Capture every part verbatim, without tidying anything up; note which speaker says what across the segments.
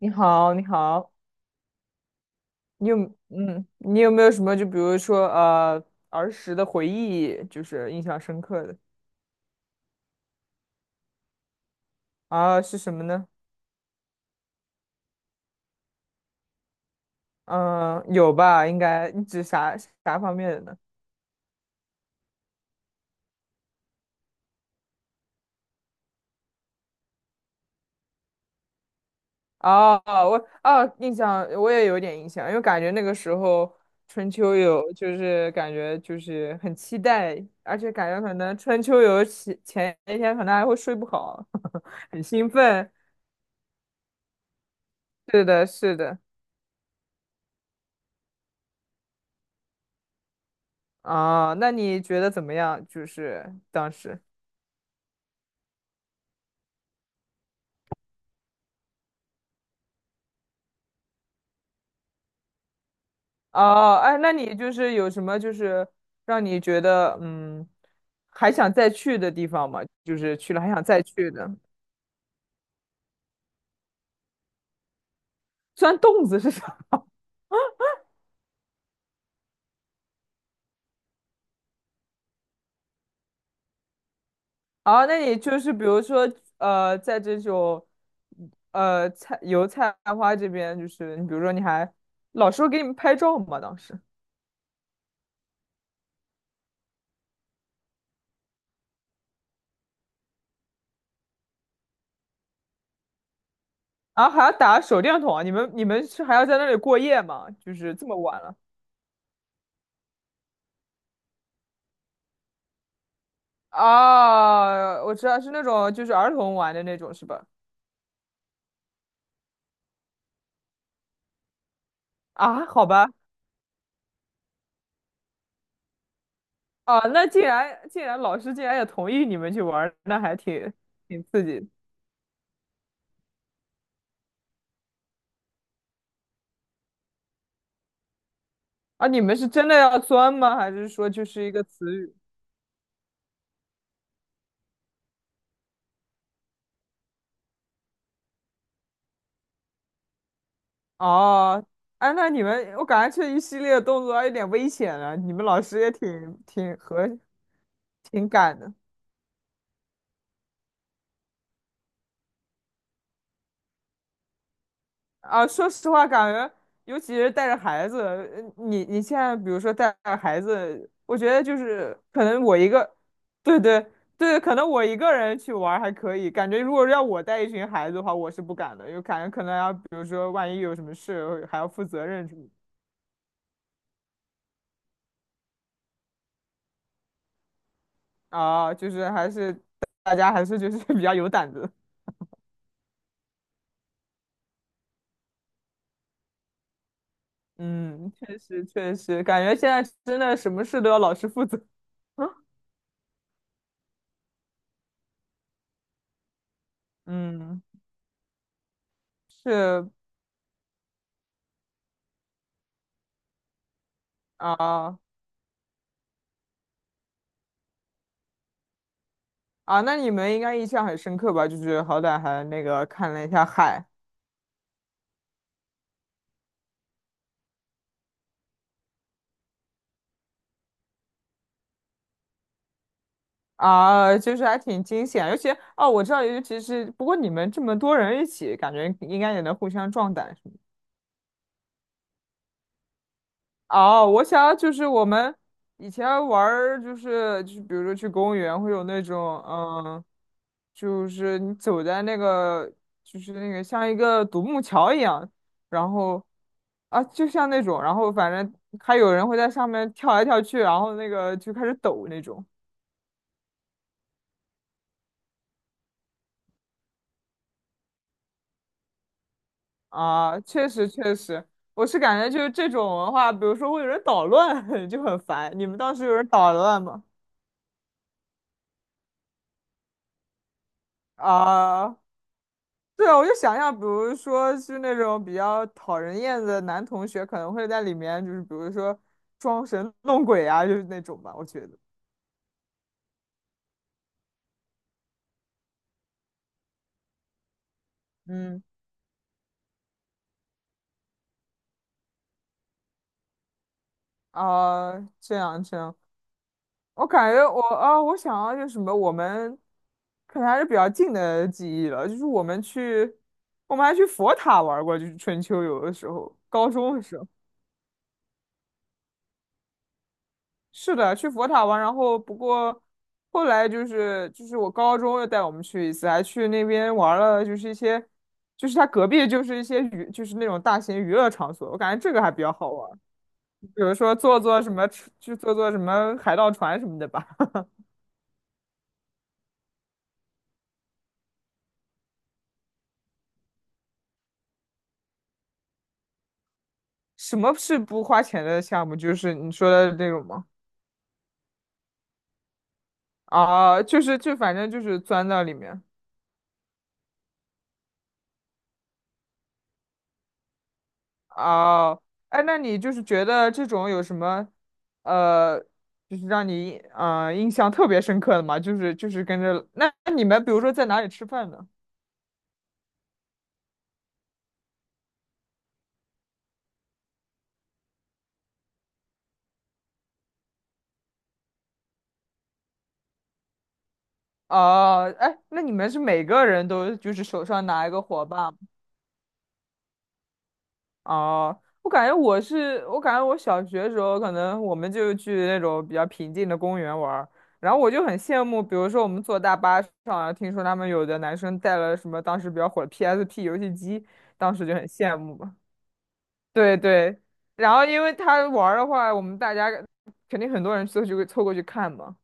Speaker 1: 你好，你好，你有嗯，你有没有什么就比如说呃儿时的回忆，就是印象深刻的啊是什么呢？嗯，有吧，应该你指啥啥方面的呢？哦，我哦印象我也有点印象，因为感觉那个时候春秋游就是感觉就是很期待，而且感觉可能春秋游前前一天可能还会睡不好，很兴奋。是的，是的。啊，那你觉得怎么样？就是当时，哦，哎，那你就是有什么就是让你觉得嗯，还想再去的地方吗？就是去了还想再去的，钻洞子是啥？啊，那你就是比如说呃，在这种呃菜油菜花这边，就是你比如说你还老师会给你们拍照吗？当时，啊，还要打手电筒啊？你们你们是还要在那里过夜吗？就是这么晚了。啊，我知道是那种就是儿童玩的那种是吧？啊，好吧，啊，那竟然竟然老师竟然也同意你们去玩儿那还挺挺刺激的啊！你们是真的要钻吗？还是说就是一个词语？哦，哎，那你们我感觉这一系列动作还有点危险了，你们老师也挺挺和挺敢的。啊，说实话，感觉尤其是带着孩子，呃你你现在比如说带着孩子，我觉得就是可能我一个，对对对，可能我一个人去玩儿还可以，感觉如果要我带一群孩子的话，我是不敢的，因为感觉可能要比如说万一有什么事还要负责任什么啊，就是还是大家还是就是 比较有胆子，嗯，确实确实，感觉现在真的什么事都要老师负责，嗯，是啊。啊，那你们应该印象很深刻吧？就是好歹还那个看了一下海啊，就是还挺惊险。尤其哦，我知道，尤其是不过你们这么多人一起，感觉应该也能互相壮胆什么的。哦，我想要就是我们以前玩儿，就是就是比如说去公园会有那种，嗯，就是你走在那个就是那个像一个独木桥一样，然后啊就像那种，然后反正还有人会在上面跳来跳去，然后那个就开始抖那种啊，确实确实，我是感觉就是这种文化，比如说会有人捣乱，就很烦。你们当时有人捣乱吗？啊对啊，我就想象，比如说是那种比较讨人厌的男同学，可能会在里面，就是比如说装神弄鬼啊，就是那种吧。我觉得，嗯，啊、这样这样，我感觉我啊、我想要就是什么，我们可能还是比较近的记忆了，就是我们去，我们还去佛塔玩过，就是春秋游的时候，高中的时候。是的，去佛塔玩，然后不过后来就是就是我高中又带我们去一次，还去那边玩了，就是一些就是它隔壁就是一些娱就是那种大型娱乐场所，我感觉这个还比较好玩，比如说坐坐什么去坐坐什么海盗船什么的吧。什么是不花钱的项目？就是你说的那种吗？啊，就是就反正就是钻到里面。哦，哎，那你就是觉得这种有什么，呃，就是让你呃印象特别深刻的吗？就是就是跟着那那你们比如说在哪里吃饭呢？哦，哎，那你们是每个人都就是手上拿一个火把吗？哦，我感觉我是我感觉我小学的时候，可能我们就去那种比较平静的公园玩儿，然后我就很羡慕，比如说我们坐大巴上啊，听说他们有的男生带了什么当时比较火的 P S P 游戏机，当时就很羡慕。对对，然后因为他玩儿的话，我们大家肯定很多人凑去凑过去看嘛。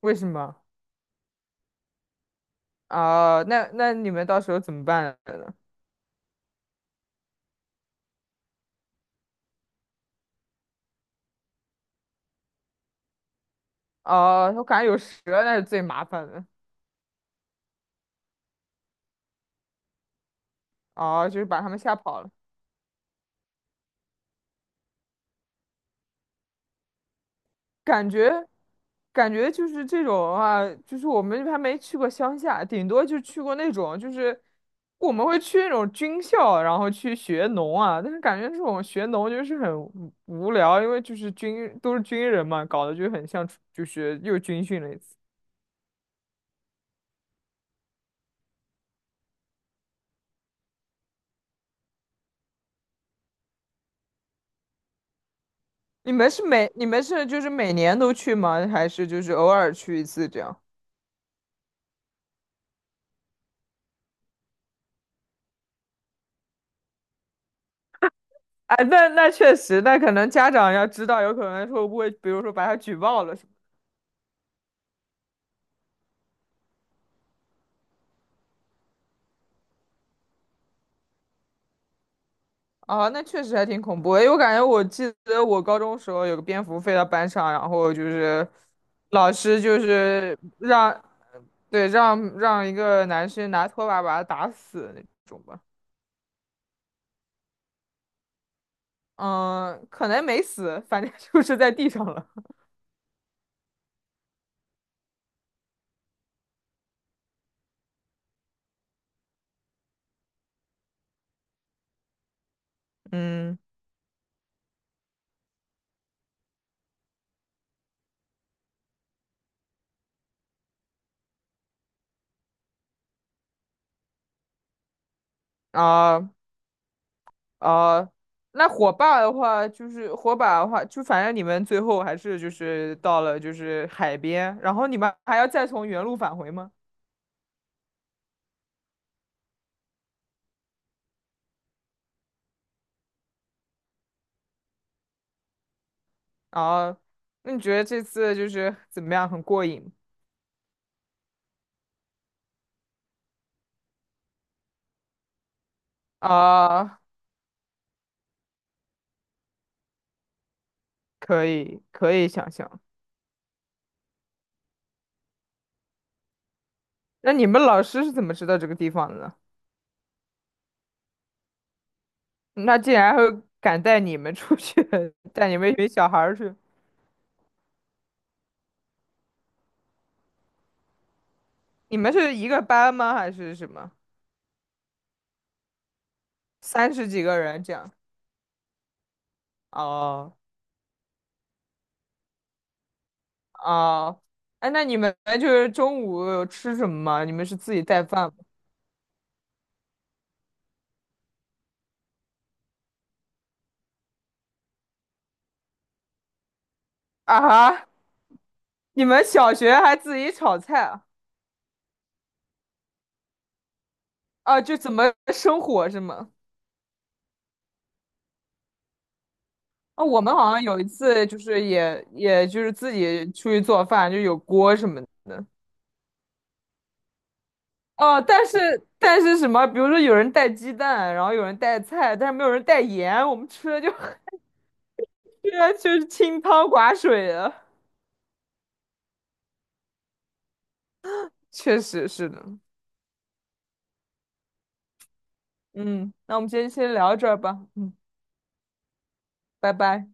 Speaker 1: 为什么？啊、那那你们到时候怎么办呢？哦、我感觉有蛇那是最麻烦的。哦、就是把他们吓跑了。感觉，感觉就是这种啊，就是我们还没去过乡下，顶多就去过那种，就是我们会去那种军校，然后去学农啊。但是感觉这种学农就是很无无聊，因为就是军都是军人嘛，搞得就很像就是又军训了一次。你们是每你们是就是每年都去吗？还是就是偶尔去一次这样？哎，那那确实，那可能家长要知道，有可能会不会，比如说把他举报了。什么？啊，那确实还挺恐怖的，因为我感觉我记得我高中时候有个蝙蝠飞到班上，然后就是老师就是让，对，让让一个男生拿拖把把他打死那种吧。嗯，可能没死，反正 就是在地上了。嗯，啊啊，那火把的话，就是火把的话，就反正你们最后还是就是到了就是海边，然后你们还要再从原路返回吗？啊，那你觉得这次就是怎么样？很过瘾啊？可以，可以想象。那你们老师是怎么知道这个地方的呢？那竟然还会敢带你们出去，带你们一群小孩儿去？你们是一个班吗？还是什么？三十几个人这样？哦哦，哎，那你们就是中午有吃什么吗？你们是自己带饭吗？啊哈，你们小学还自己炒菜啊？啊，就怎么生火是吗？啊，我们好像有一次就是也也就是自己出去做饭，就有锅什么的。哦，但是但是什么，比如说有人带鸡蛋，然后有人带菜，但是没有人带盐，我们吃的就 吃的就是清汤寡水的。确实是的，嗯，那我们今天先聊到这儿吧，嗯，拜拜。